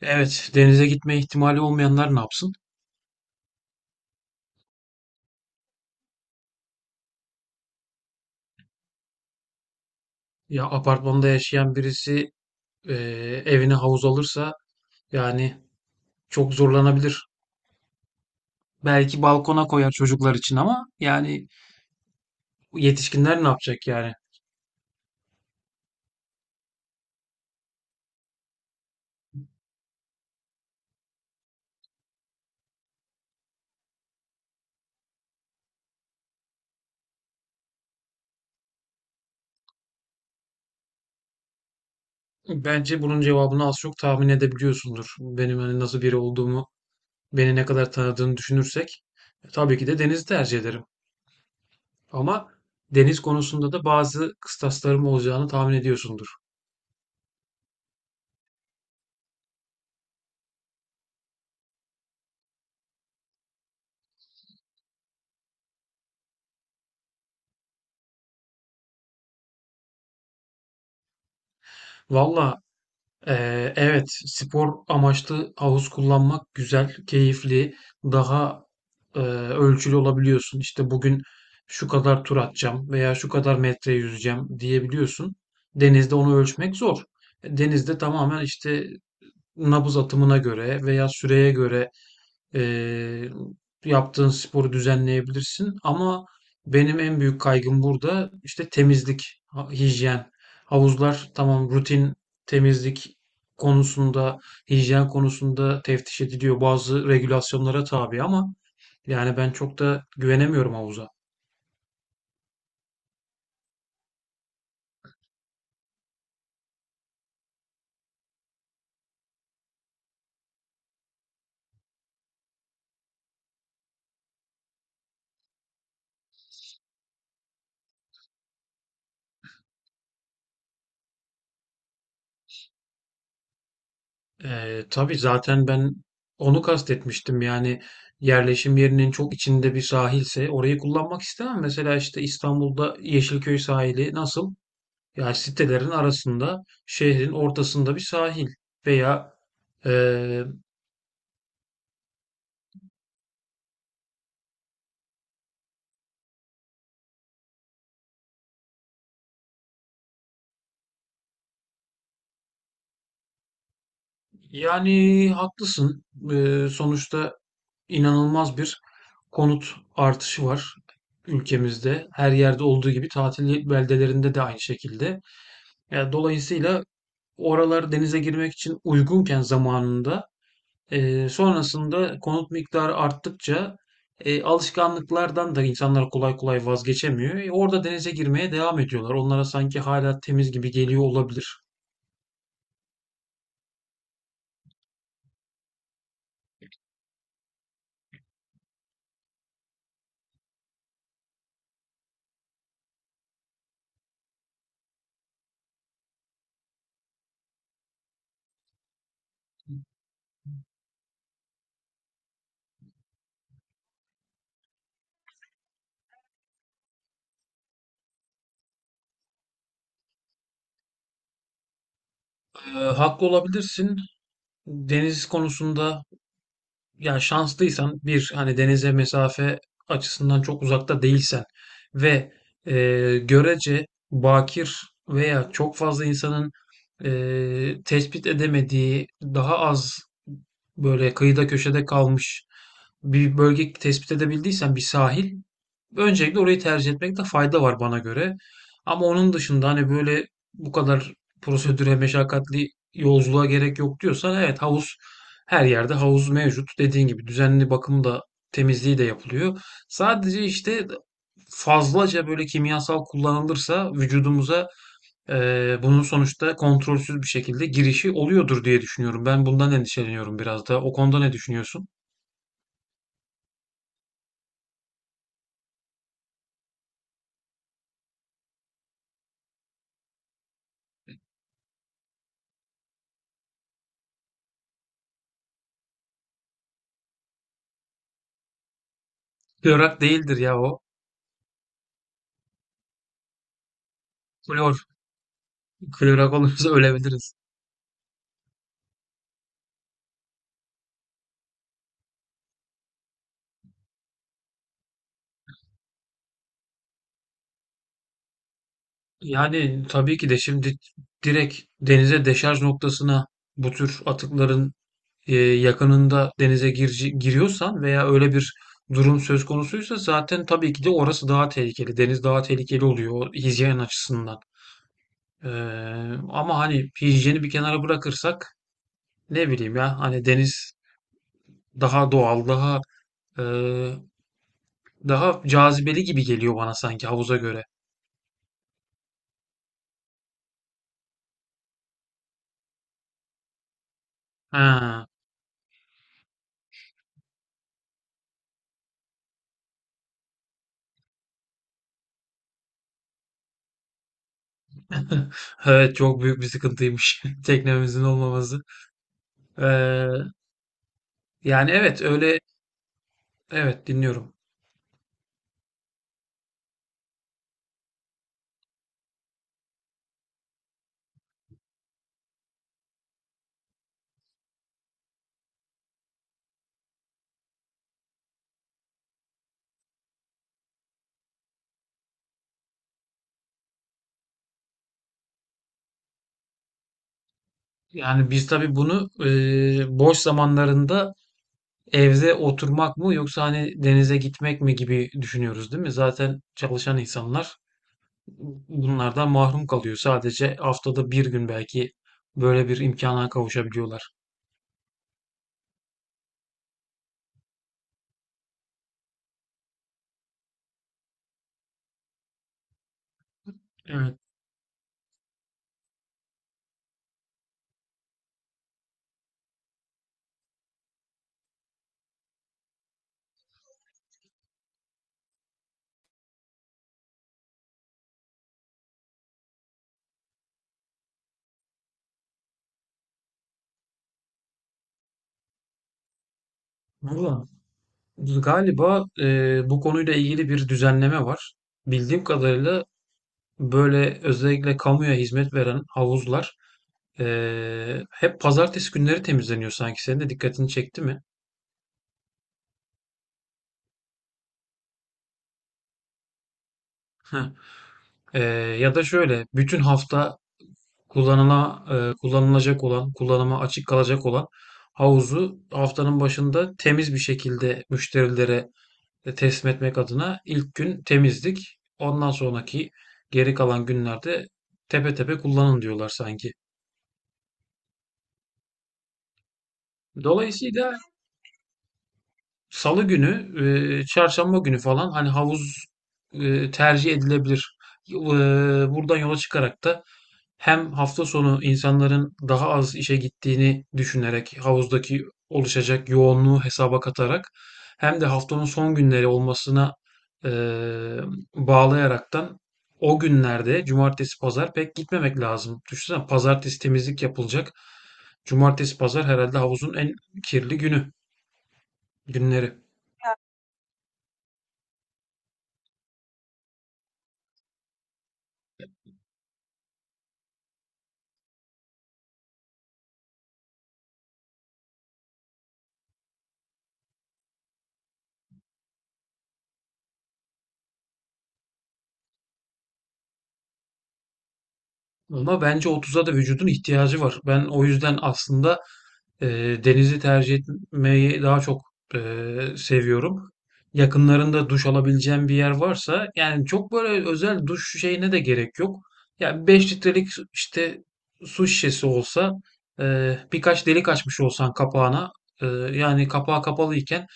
Evet, denize gitme ihtimali olmayanlar ne yapsın? Ya apartmanda yaşayan birisi e, evine havuz alırsa yani çok zorlanabilir. Belki balkona koyar çocuklar için ama yani yetişkinler ne yapacak yani? Bence bunun cevabını az çok tahmin edebiliyorsundur. Benim hani nasıl biri olduğumu, beni ne kadar tanıdığını düşünürsek tabii ki de denizi tercih ederim. Ama deniz konusunda da bazı kıstaslarım olacağını tahmin ediyorsundur. Valla. Evet, spor amaçlı havuz kullanmak güzel, keyifli, daha e, ölçülü olabiliyorsun. İşte bugün şu kadar tur atacağım veya şu kadar metre yüzeceğim diyebiliyorsun. Denizde onu ölçmek zor. Denizde tamamen işte nabız atımına göre veya süreye göre Eee, yaptığın sporu düzenleyebilirsin ama benim en büyük kaygım burada işte temizlik, hijyen. Havuzlar tamam rutin temizlik konusunda, hijyen konusunda teftiş ediliyor. Bazı regülasyonlara tabi ama yani ben çok da güvenemiyorum havuza. Tabii zaten ben onu kastetmiştim. Yani yerleşim yerinin çok içinde bir sahilse orayı kullanmak istemem. Mesela işte İstanbul'da Yeşilköy sahili nasıl? Yani sitelerin arasında şehrin ortasında bir sahil veya eee, yani haklısın. Sonuçta inanılmaz bir konut artışı var ülkemizde. Her yerde olduğu gibi tatil beldelerinde de aynı şekilde. Yani dolayısıyla oralar denize girmek için uygunken zamanında, sonrasında konut miktarı arttıkça alışkanlıklardan da insanlar kolay kolay vazgeçemiyor. Orada denize girmeye devam ediyorlar. Onlara sanki hala temiz gibi geliyor olabilir. Haklı olabilirsin. Deniz konusunda yani şanslıysan bir hani denize mesafe açısından çok uzakta değilsen ve e, görece bakir veya çok fazla insanın tespit edemediği daha az böyle kıyıda köşede kalmış bir bölge tespit edebildiysen bir sahil. Öncelikle orayı tercih etmekte fayda var bana göre. Ama onun dışında hani böyle bu kadar prosedüre meşakkatli yolculuğa gerek yok diyorsan evet, havuz her yerde havuz mevcut. Dediğin gibi düzenli bakım da temizliği de yapılıyor. Sadece işte fazlaca böyle kimyasal kullanılırsa vücudumuza bunun sonuçta kontrolsüz bir şekilde girişi oluyordur diye düşünüyorum. Ben bundan endişeleniyorum biraz da. O konuda ne düşünüyorsun? Klorak değildir ya o. Klor. Klorak olursa ölebiliriz. Yani tabii ki de şimdi direkt denize deşarj noktasına bu tür atıkların yakınında denize giriyorsan veya öyle bir durum söz konusuysa zaten tabii ki de orası daha tehlikeli. Deniz daha tehlikeli oluyor o hijyen açısından. Ee, ama hani hijyeni bir kenara bırakırsak ne bileyim ya hani deniz daha doğal, e, daha cazibeli gibi geliyor bana sanki havuza göre. Ha. Evet, çok büyük bir sıkıntıymış teknemizin olmaması. Ee, yani evet, öyle. Evet, dinliyorum. Yani biz tabii bunu boş zamanlarında evde oturmak mı yoksa hani denize gitmek mi gibi düşünüyoruz değil mi? Zaten çalışan insanlar bunlardan mahrum kalıyor. Sadece haftada bir gün belki böyle bir imkana kavuşabiliyorlar. Evet. Valla galiba bu konuyla ilgili bir düzenleme var. Bildiğim kadarıyla böyle özellikle kamuya hizmet veren havuzlar hep pazartesi günleri temizleniyor sanki. Senin de dikkatini çekti mi? Heh. Ee, ya da şöyle bütün hafta kullanıla, kullanılacak olan, kullanıma açık kalacak olan havuzu haftanın başında temiz bir şekilde müşterilere teslim etmek adına ilk gün temizlik. Ondan sonraki geri kalan günlerde tepe tepe kullanın diyorlar sanki. Dolayısıyla salı günü, çarşamba günü falan hani havuz tercih edilebilir. E, buradan yola çıkarak da hem hafta sonu insanların daha az işe gittiğini düşünerek havuzdaki oluşacak yoğunluğu hesaba katarak hem de haftanın son günleri olmasına e, bağlayaraktan o günlerde cumartesi pazar pek gitmemek lazım. Düşünsene pazartesi temizlik yapılacak. Cumartesi pazar herhalde havuzun en kirli günü, günleri. Ama bence otuz'a da vücudun ihtiyacı var. Ben o yüzden aslında e, denizi tercih etmeyi daha çok e, seviyorum. Yakınlarında duş alabileceğim bir yer varsa yani çok böyle özel duş şeyine de gerek yok. Ya 5 litrelik işte su şişesi olsa birkaç delik açmış olsan kapağına e, yani kapağı kapalı iken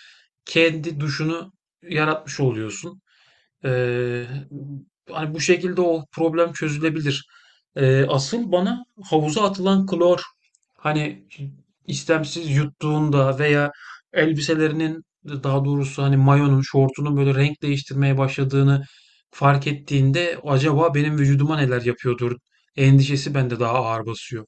kendi duşunu yaratmış oluyorsun. Ee, hani bu şekilde o problem çözülebilir. Asıl bana havuza atılan klor hani istemsiz yuttuğunda veya elbiselerinin daha doğrusu hani mayonun şortunun böyle renk değiştirmeye başladığını fark ettiğinde acaba benim vücuduma neler yapıyordur endişesi bende daha ağır basıyor.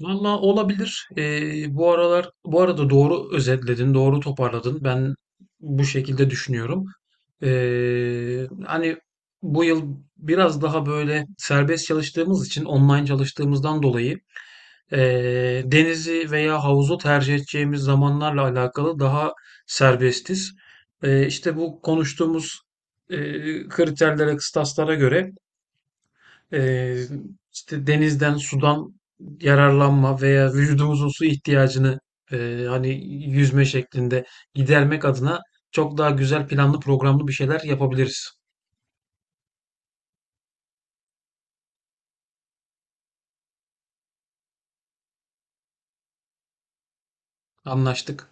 Valla olabilir. Bu aralar bu arada doğru özetledin, doğru toparladın. Ben bu şekilde düşünüyorum. Hani bu yıl biraz daha böyle serbest çalıştığımız için online çalıştığımızdan dolayı denizi veya havuzu tercih edeceğimiz zamanlarla alakalı daha serbestiz. İşte bu konuştuğumuz kriterlere, kıstaslara göre ee, işte denizden, sudan yararlanma veya vücudumuzun su ihtiyacını hani yüzme şeklinde gidermek adına çok daha güzel planlı programlı bir şeyler yapabiliriz. Anlaştık.